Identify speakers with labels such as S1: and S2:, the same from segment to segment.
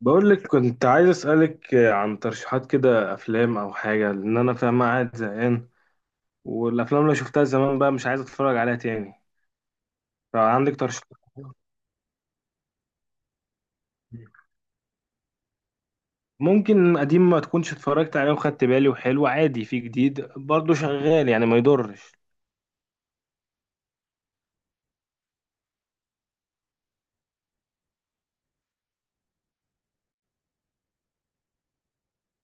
S1: بقول لك كنت عايز أسألك عن ترشيحات كده، أفلام أو حاجة، لأن أنا فاهم قاعد زهقان. والأفلام اللي شفتها زمان بقى مش عايز أتفرج عليها تاني. فعندك ترشيحات؟ ممكن قديم ما تكونش اتفرجت عليه وخدت بالي وحلو، عادي. في جديد برضه شغال يعني ما يضرش.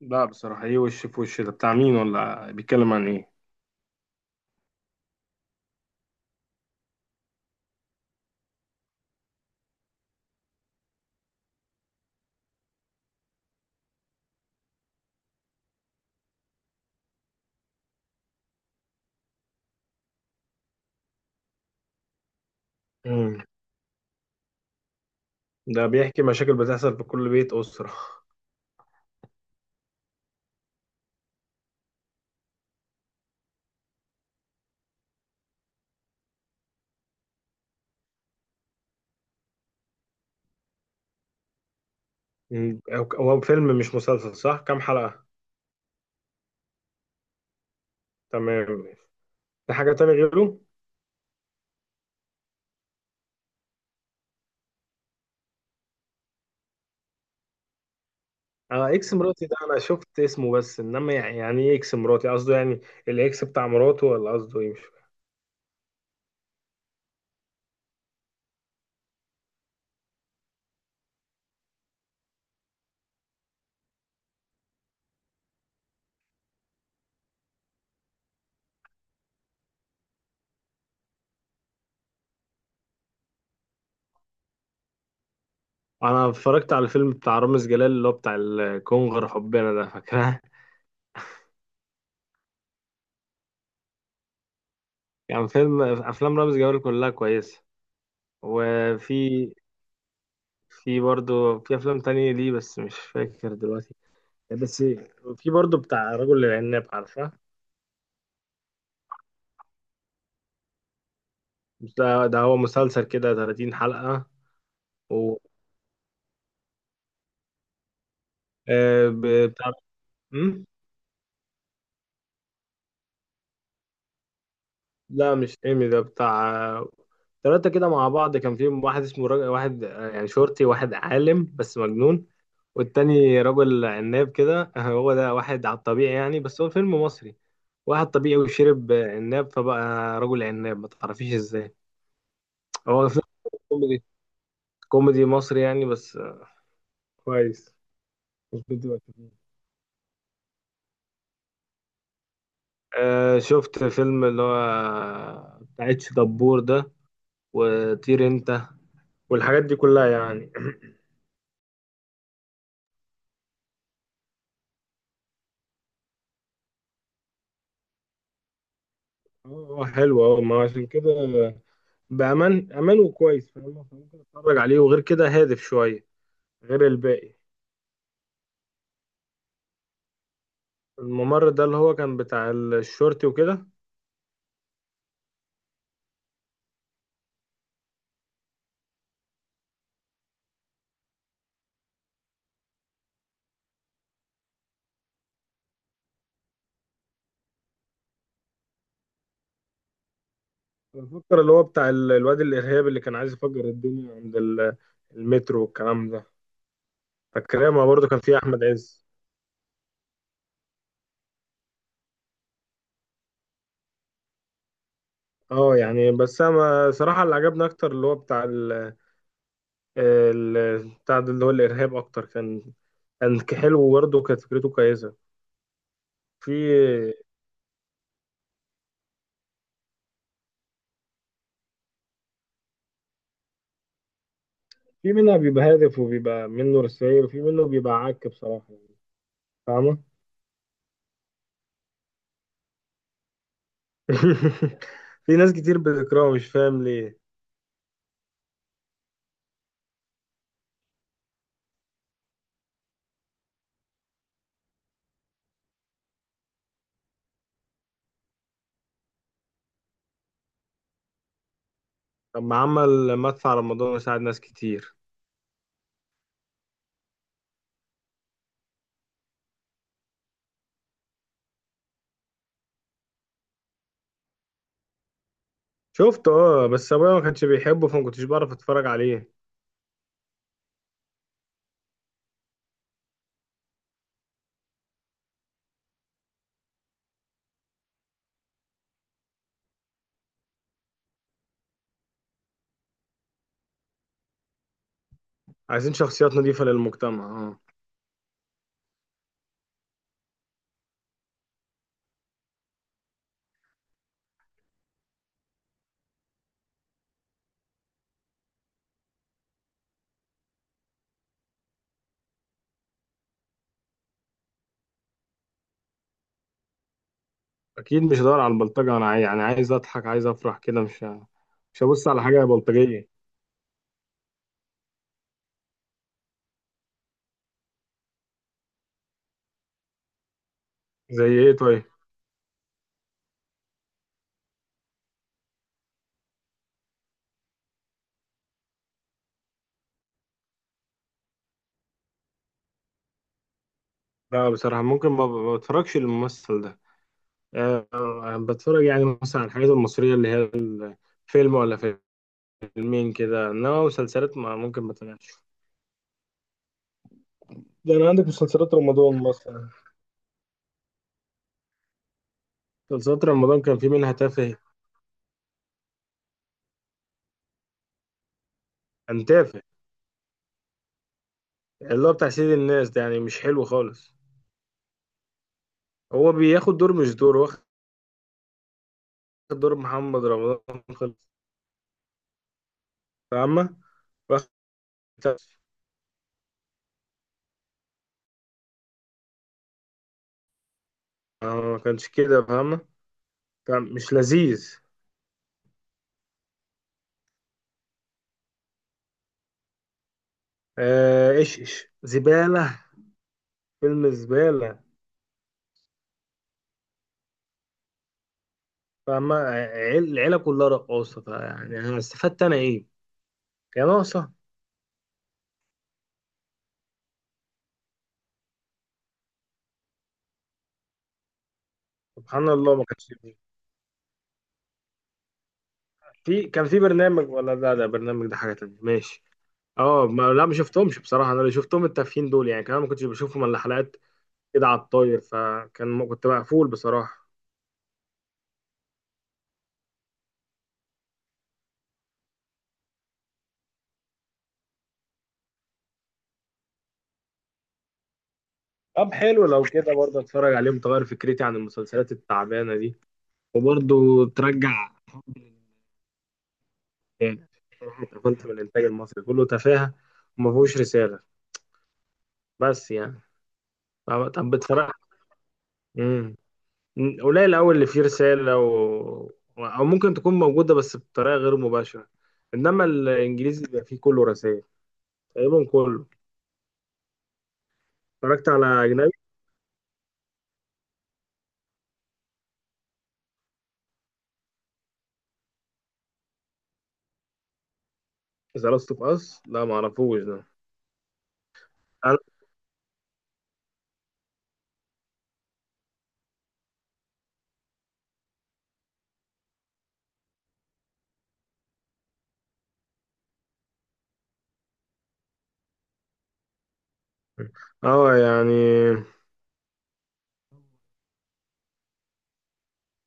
S1: لا بصراحة، إيه وش في وش ده؟ بتاع مين ولا بيتكلم عن إيه؟ امم ده بيحكي مشاكل بتحصل في كل بيت أسرة. مم. هو فيلم مش مسلسل صح؟ كام حلقة؟ تمام. في حاجة تانية غيره؟ اه، اكس مراتي ده انا شفت اسمه، بس انما يعني، يعني ايه اكس مراتي؟ قصده يعني الاكس بتاع مراته ولا قصده ايه؟ مش فاهم. انا اتفرجت على الفيلم بتاع رامز جلال اللي هو بتاع الكونغر حبنا ده، فاكرها؟ يعني فيلم، افلام رامز جلال كلها كويسه. وفي، في برضه في افلام تانية ليه بس مش فاكر دلوقتي. بس في برضه بتاع رجل العناب، عارفه؟ ده هو مسلسل كده 30 حلقه. و بتاع. مم؟ لا مش ايمي، ده بتاع ثلاثة كده مع بعض، كان فيهم واحد اسمه راجل واحد، يعني شرطي، واحد عالم بس مجنون. والتاني رجل عناب كده هو ده واحد على الطبيعي يعني، بس هو فيلم مصري. واحد طبيعي وشرب عناب فبقى رجل عناب، ما تعرفيش ازاي. هو فيلم كوميدي، كوميدي مصري يعني، بس كويس. مش بدي أكتب. آه، شفت فيلم اللي هو بتاع اتش دبور ده، وطير انت، والحاجات دي كلها يعني اه حلو، اه ما عشان كده بأمان أمان وكويس، فاهم؟ فممكن أتفرج عليه، وغير كده هادف شوية غير الباقي. الممر ده اللي هو كان بتاع الشرطي وكده؟ بفكر اللي هو بتاع الواد الإرهابي اللي كان عايز يفجر الدنيا عند المترو والكلام ده. فاكرها؟ ما برضه كان فيه أحمد عز. اه يعني، بس أنا صراحة اللي عجبني أكتر اللي هو بتاع ال، بتاع ده اللي هو الإرهاب أكتر، كان كان حلو وبرضه كانت فكرته كويسة. في في منها بيبقى هادف وبيبقى منه رسائل، وفي منه بيبقى عك بصراحة يعني. فاهمة؟ في ناس كتير بتكرهه مش فاهم ليه. طب ما عمل مدفع على رمضان وساعد ناس كتير. شفته اه، بس ابويا ما كانش بيحبه فما كنتش بعرف اتفرج عليه. عايزين شخصيات نظيفة للمجتمع، اه. اكيد مش هدور على البلطجة، انا يعني عايز اضحك عايز افرح كده، مش مش هبص على حاجة بلطجية. زي ايه طيب؟ لا بصراحة، ممكن ما بتفرجش للممثل ده. أه، بتفرج يعني مثلا على الحاجات المصرية اللي هي فيلم ولا فيلم، فيلمين كده، انما مسلسلات ما ممكن ما تابعش. ده انا عندك مسلسلات رمضان مثلا. مسلسلات رمضان كان في منها تافه. كان تافه. اللي هو بتاع سيد الناس ده يعني مش حلو خالص. هو بياخد دور، مش دور، واخد دور محمد رمضان خالص. فاهمة؟ واخد. تافه. ما كانش كده، فاهمة؟ كان مش لذيذ. آه، ايش زبالة. فيلم زبالة. فاهمة؟ العيلة كلها رقاصة، يعني انا استفدت انا ايه؟ يا ناقصة. سبحان الله ما كانش. في، كان في برنامج، ولا لا ده برنامج، ده حاجة تانية. ماشي. اه ما لا، ما شفتهمش بصراحة، انا اللي شفتهم التافهين دول، يعني كمان ما كنتش بشوفهم الا حلقات كده على الطاير، فكان كنت مقفول بصراحة. طب حلو لو كده برضه اتفرج عليهم، تغير فكرتي عن المسلسلات التعبانة دي، وبرضه ترجع حبي للإنتاج. بصراحة اتقفلت من الانتاج المصري، كله تفاهة وما فيهوش رسالة، بس يعني. طب بتفرج. مم. قليل أوي اللي فيه رسالة، و... أو ممكن تكون موجودة بس بطريقة غير مباشرة. إنما الإنجليزي بيبقى فيه كله رسائل، تقريبا كله. اتفرجت على أجنبي؟ ذا لاست أوف أس لا معرفوش ده. أنا- اه يعني،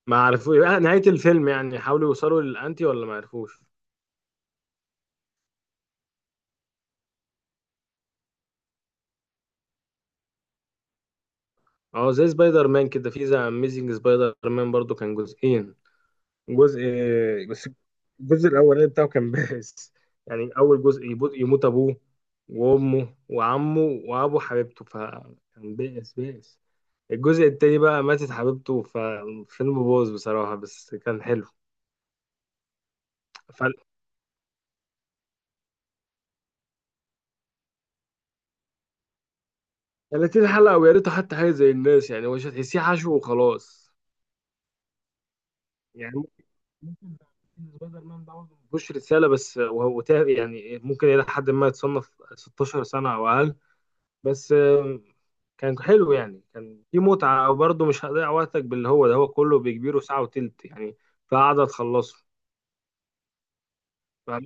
S1: ما عرفوش نهاية الفيلم، يعني حاولوا يوصلوا للأنتي ولا ما عرفوش؟ اه زي سبايدر مان كده، في ذا أميزنج سبايدر مان برضو كان جزئين، جزء. بس الجزء الاولاني بتاعه كان بائس، يعني اول جزء يموت، يموت ابوه وامه وعمه وابو حبيبته، فكان بائس بائس. الجزء التاني بقى ماتت حبيبته، فالفيلم باظ بصراحة، بس كان حلو. ف 30 حلقة، ويا ريته حتى حاجة زي الناس، يعني مش هتحسيه حشو وخلاص يعني. ممكن، ممكن سبايدر مان ده برضه مفيهوش رسالة، بس وهو يعني ممكن إلى حد ما يتصنف 16 سنة أو أقل. بس كان حلو يعني، كان في متعة برضه، مش هضيع وقتك باللي هو ده، هو كله بيكبيره ساعة وتلت يعني، فقعدة تخلصه. فاهم؟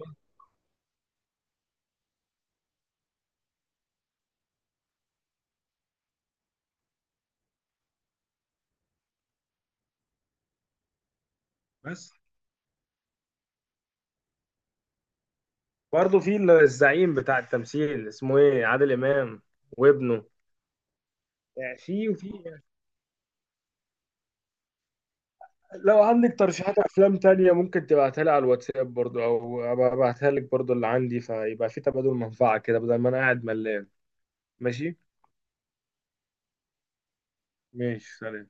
S1: بس برضه في الزعيم بتاع التمثيل اسمه ايه، عادل إمام، وابنه. يعني في وفي، لو عندك ترشيحات أفلام تانية ممكن تبعتها لي على الواتساب برضه، أو أبقى أبعتها لك برضه اللي عندي، فيبقى في تبادل منفعة كده، بدل ما أنا قاعد ملان. ماشي؟ ماشي، سلام.